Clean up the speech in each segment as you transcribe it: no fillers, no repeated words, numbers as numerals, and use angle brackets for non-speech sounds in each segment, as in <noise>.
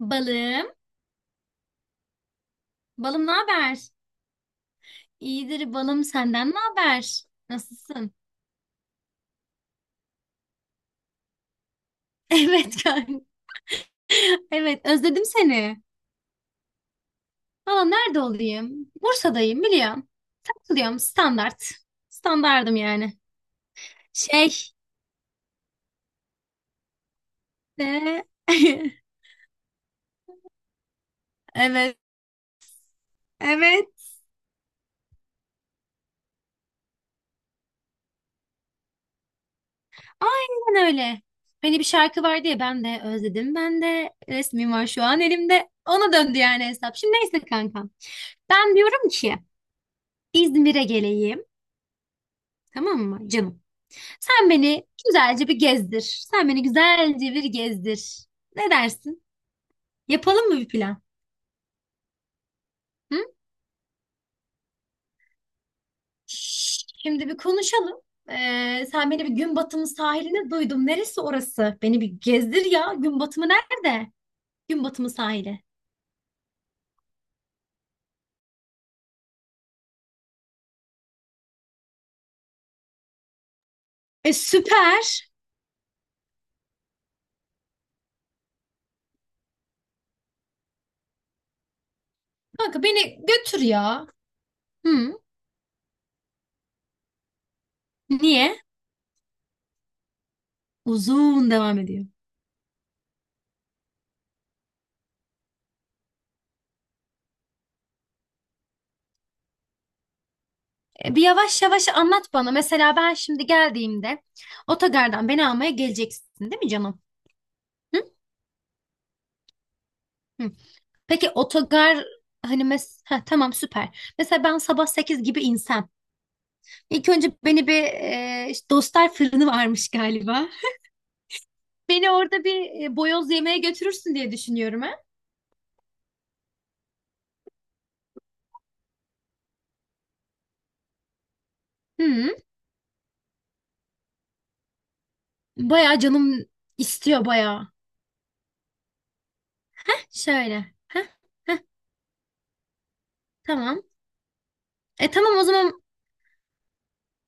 Balım, balım ne haber? İyidir balım senden ne haber? Nasılsın? <laughs> Evet kanka. Evet özledim seni. Valla nerede olayım? Bursa'dayım biliyorum. Takılıyorum standart. Standardım yani. Şey de... <laughs> Evet. Evet. Aynen öyle. Hani bir şarkı var diye ben de özledim. Ben de resmim var şu an elimde. Ona döndü yani hesap. Şimdi neyse kankam. Ben diyorum ki İzmir'e geleyim. Tamam mı canım? Sen beni güzelce bir gezdir. Sen beni güzelce bir gezdir. Ne dersin? Yapalım mı bir plan? Hı? Şimdi bir konuşalım. Sen beni bir gün batımı sahiline duydum. Neresi orası? Beni bir gezdir ya. Gün batımı nerede? Gün batımı sahili. E süper. Kanka beni götür ya. Hı? Niye? Uzun devam ediyor. E, bir yavaş yavaş anlat bana. Mesela ben şimdi geldiğimde otogardan beni almaya geleceksin, değil mi canım? Hı? Hı. Peki otogar hani mes ha, tamam süper. Mesela ben sabah 8 gibi insem. İlk önce beni bir işte Dostlar fırını varmış galiba. Beni orada bir boyoz yemeğe götürürsün diye düşünüyorum ha. Hı. Bayağı canım istiyor bayağı. Şöyle. Heh, heh, tamam. E tamam o zaman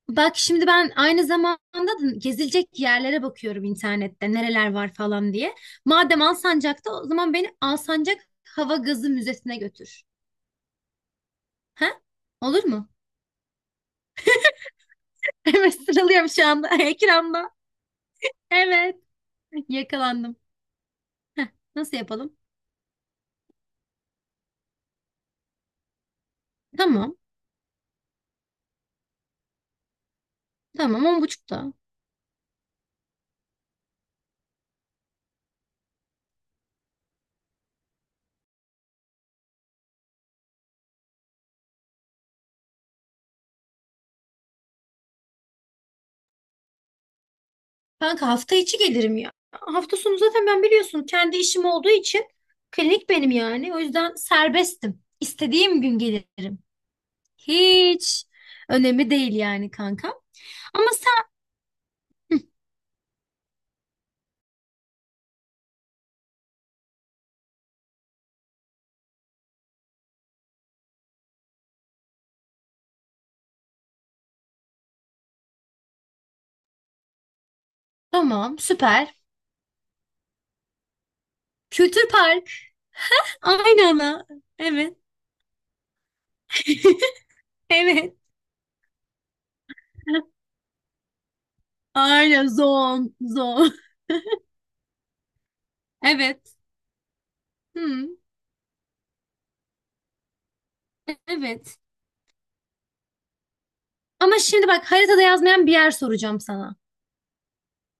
bak şimdi ben aynı zamanda da gezilecek yerlere bakıyorum internette nereler var falan diye. Madem Alsancak'ta o zaman beni Alsancak Hava Gazı Müzesi'ne götür. Ha? Olur mu? <laughs> Evet sıralıyorum şu anda <laughs> ekranda. Evet yakalandım. Heh, nasıl yapalım? Tamam tamam on buçukta. Kanka hafta içi gelirim ya. Hafta sonu zaten ben biliyorsun kendi işim olduğu için klinik benim yani. O yüzden serbestim. İstediğim gün gelirim. Hiç önemi değil yani kanka. Ama sen hı, tamam süper. Kültür Park. Aynen ana. Evet. <laughs> Evet. Aynen zon zon. Evet. Hmm, evet. Ama şimdi bak haritada yazmayan bir yer soracağım sana.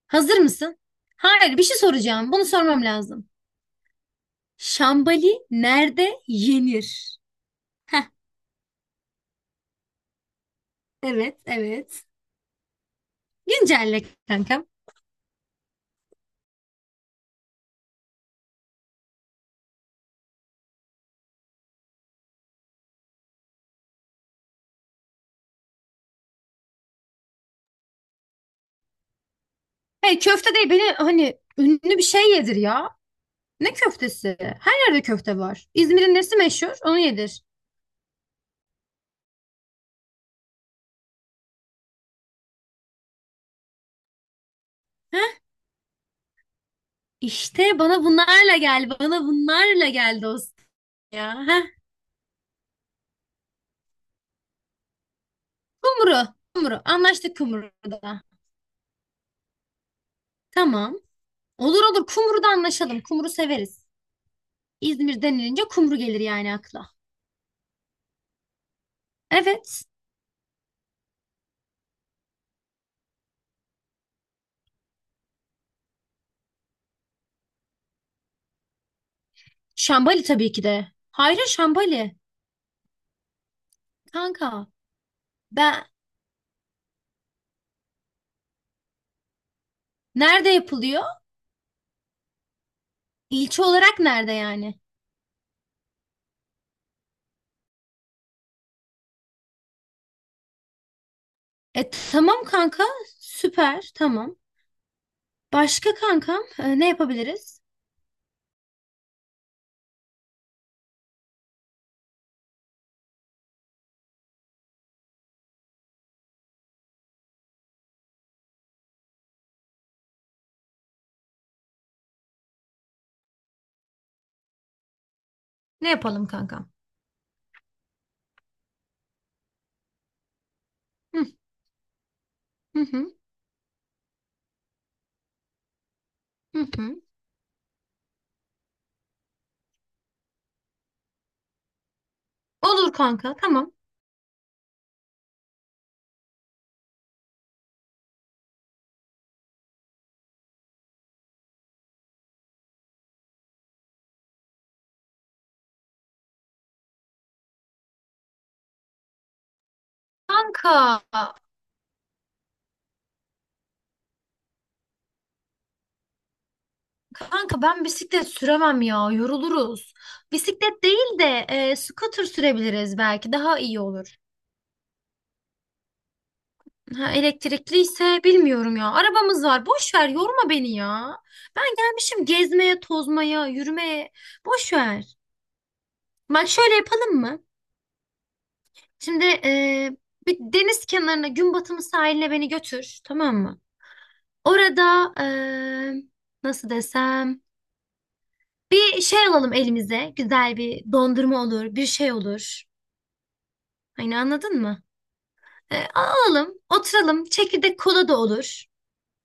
Hazır mısın? Hayır bir şey soracağım. Bunu sormam lazım. Şambali nerede yenir? Heh, evet evet. Güncelle kankam. Hey köfte değil beni hani ünlü bir şey yedir ya. Ne köftesi? Her yerde köfte var. İzmir'in nesi meşhur? Onu yedir. İşte bana bunlarla gel, bana bunlarla gel dostum ya. Heh, kumru, kumru. Anlaştık kumruda. Tamam. Olur olur kumru da anlaşalım. Kumru severiz. İzmir denilince kumru gelir yani akla. Evet. Şambali tabii ki de. Hayır Şambali. Kanka ben nerede yapılıyor? İlçe olarak nerede yani? E tamam kanka. Süper. Tamam. Başka kankam ne yapabiliriz? Ne yapalım kankam? Hı hı hı. Hı hı. Olur kanka. Tamam. Kanka, kanka, ben bisiklet süremem ya, yoruluruz. Bisiklet değil de scooter sürebiliriz belki, daha iyi olur. Ha, elektrikli ise bilmiyorum ya. Arabamız var, boş ver, yorma beni ya. Ben gelmişim gezmeye, tozmaya, yürümeye, boş ver. Bak şöyle yapalım mı? Şimdi bir deniz kenarına, gün batımı sahiline beni götür, tamam mı? Orada nasıl desem? Bir şey alalım elimize. Güzel bir dondurma olur, bir şey olur. Hani anladın mı? E, alalım, oturalım. Çekirdek kola da olur.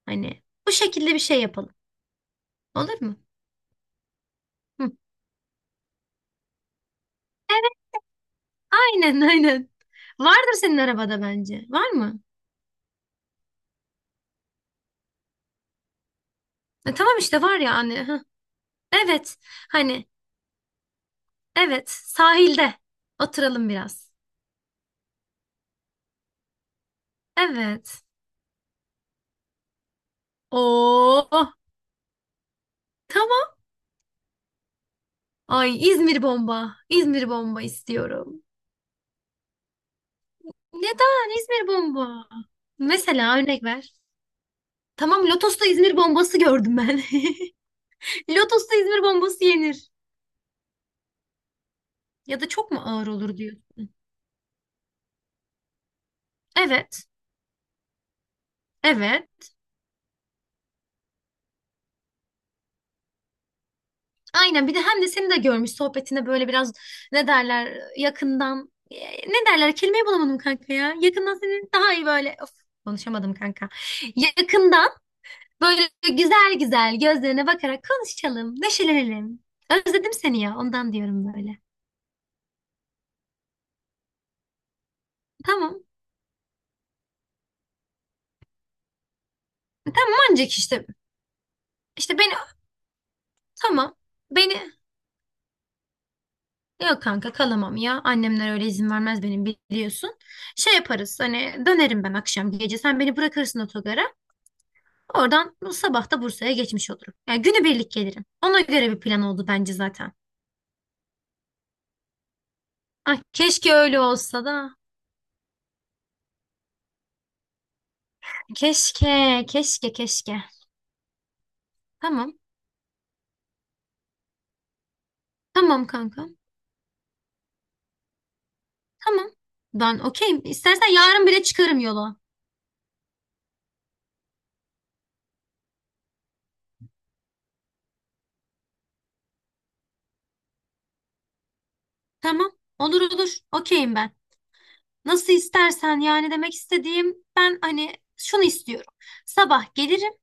Hani bu şekilde bir şey yapalım. Olur mu? Hı. Evet, aynen aynen. Vardır senin arabada bence. Var mı? E, tamam işte var ya hani. Hı. Evet. Hani evet sahilde oturalım biraz. Evet. Oo. Tamam. Ay İzmir bomba. İzmir bomba istiyorum. Neden İzmir bomba? Mesela örnek ver. Tamam Lotos'ta İzmir bombası gördüm ben. <laughs> Lotos'ta İzmir bombası yenir. Ya da çok mu ağır olur diyorsun. Evet. Evet. Aynen bir de hem de seni de görmüş sohbetine böyle biraz ne derler yakından ne derler kelimeyi bulamadım kanka ya. Yakından seni daha iyi böyle of, konuşamadım kanka. Yakından böyle güzel güzel gözlerine bakarak konuşalım, neşelenelim. Özledim seni ya ondan diyorum böyle. Tamam. Tamam ancak işte beni tamam, beni yok kanka kalamam ya annemler öyle izin vermez benim biliyorsun, şey yaparız hani dönerim ben akşam gece sen beni bırakırsın otogara, oradan sabah da Bursa'ya geçmiş olurum yani günübirlik gelirim ona göre bir plan oldu bence zaten. Ah, keşke öyle olsa da, keşke keşke keşke. Tamam tamam kanka, tamam ben okeyim istersen yarın bile çıkarım yola. Tamam, olur olur, okeyim ben. Nasıl istersen yani demek istediğim ben hani şunu istiyorum. Sabah gelirim.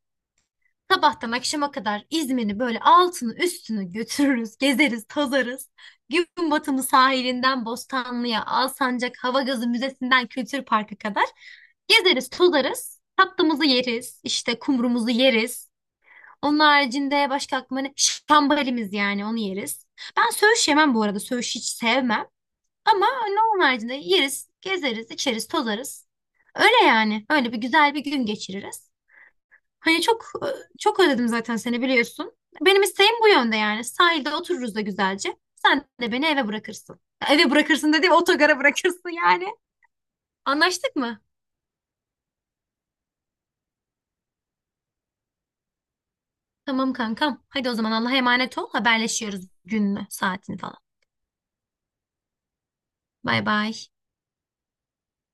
Sabahtan akşama kadar İzmir'i böyle altını üstünü götürürüz, gezeriz, tozarız. Gün batımı sahilinden Bostanlı'ya, Alsancak Hava Gazı Müzesi'nden Kültür Park'a kadar gezeriz, tozarız. Tatlımızı yeriz, işte kumrumuzu yeriz. Onun haricinde başka aklıma ne? Şambalimiz yani onu yeriz. Ben söğüş yemem bu arada. Söğüş hiç sevmem. Ama ne onun haricinde yeriz, gezeriz, içeriz, tozarız. Öyle yani. Öyle bir güzel bir gün geçiririz. Hani çok çok özledim zaten seni biliyorsun. Benim isteğim bu yönde yani. Sahilde otururuz da güzelce. Sen de beni eve bırakırsın. Eve bırakırsın dediğim otogara bırakırsın yani. Anlaştık mı? Tamam kankam. Hadi o zaman Allah'a emanet ol. Haberleşiyoruz gününü, saatini falan. Bay bay.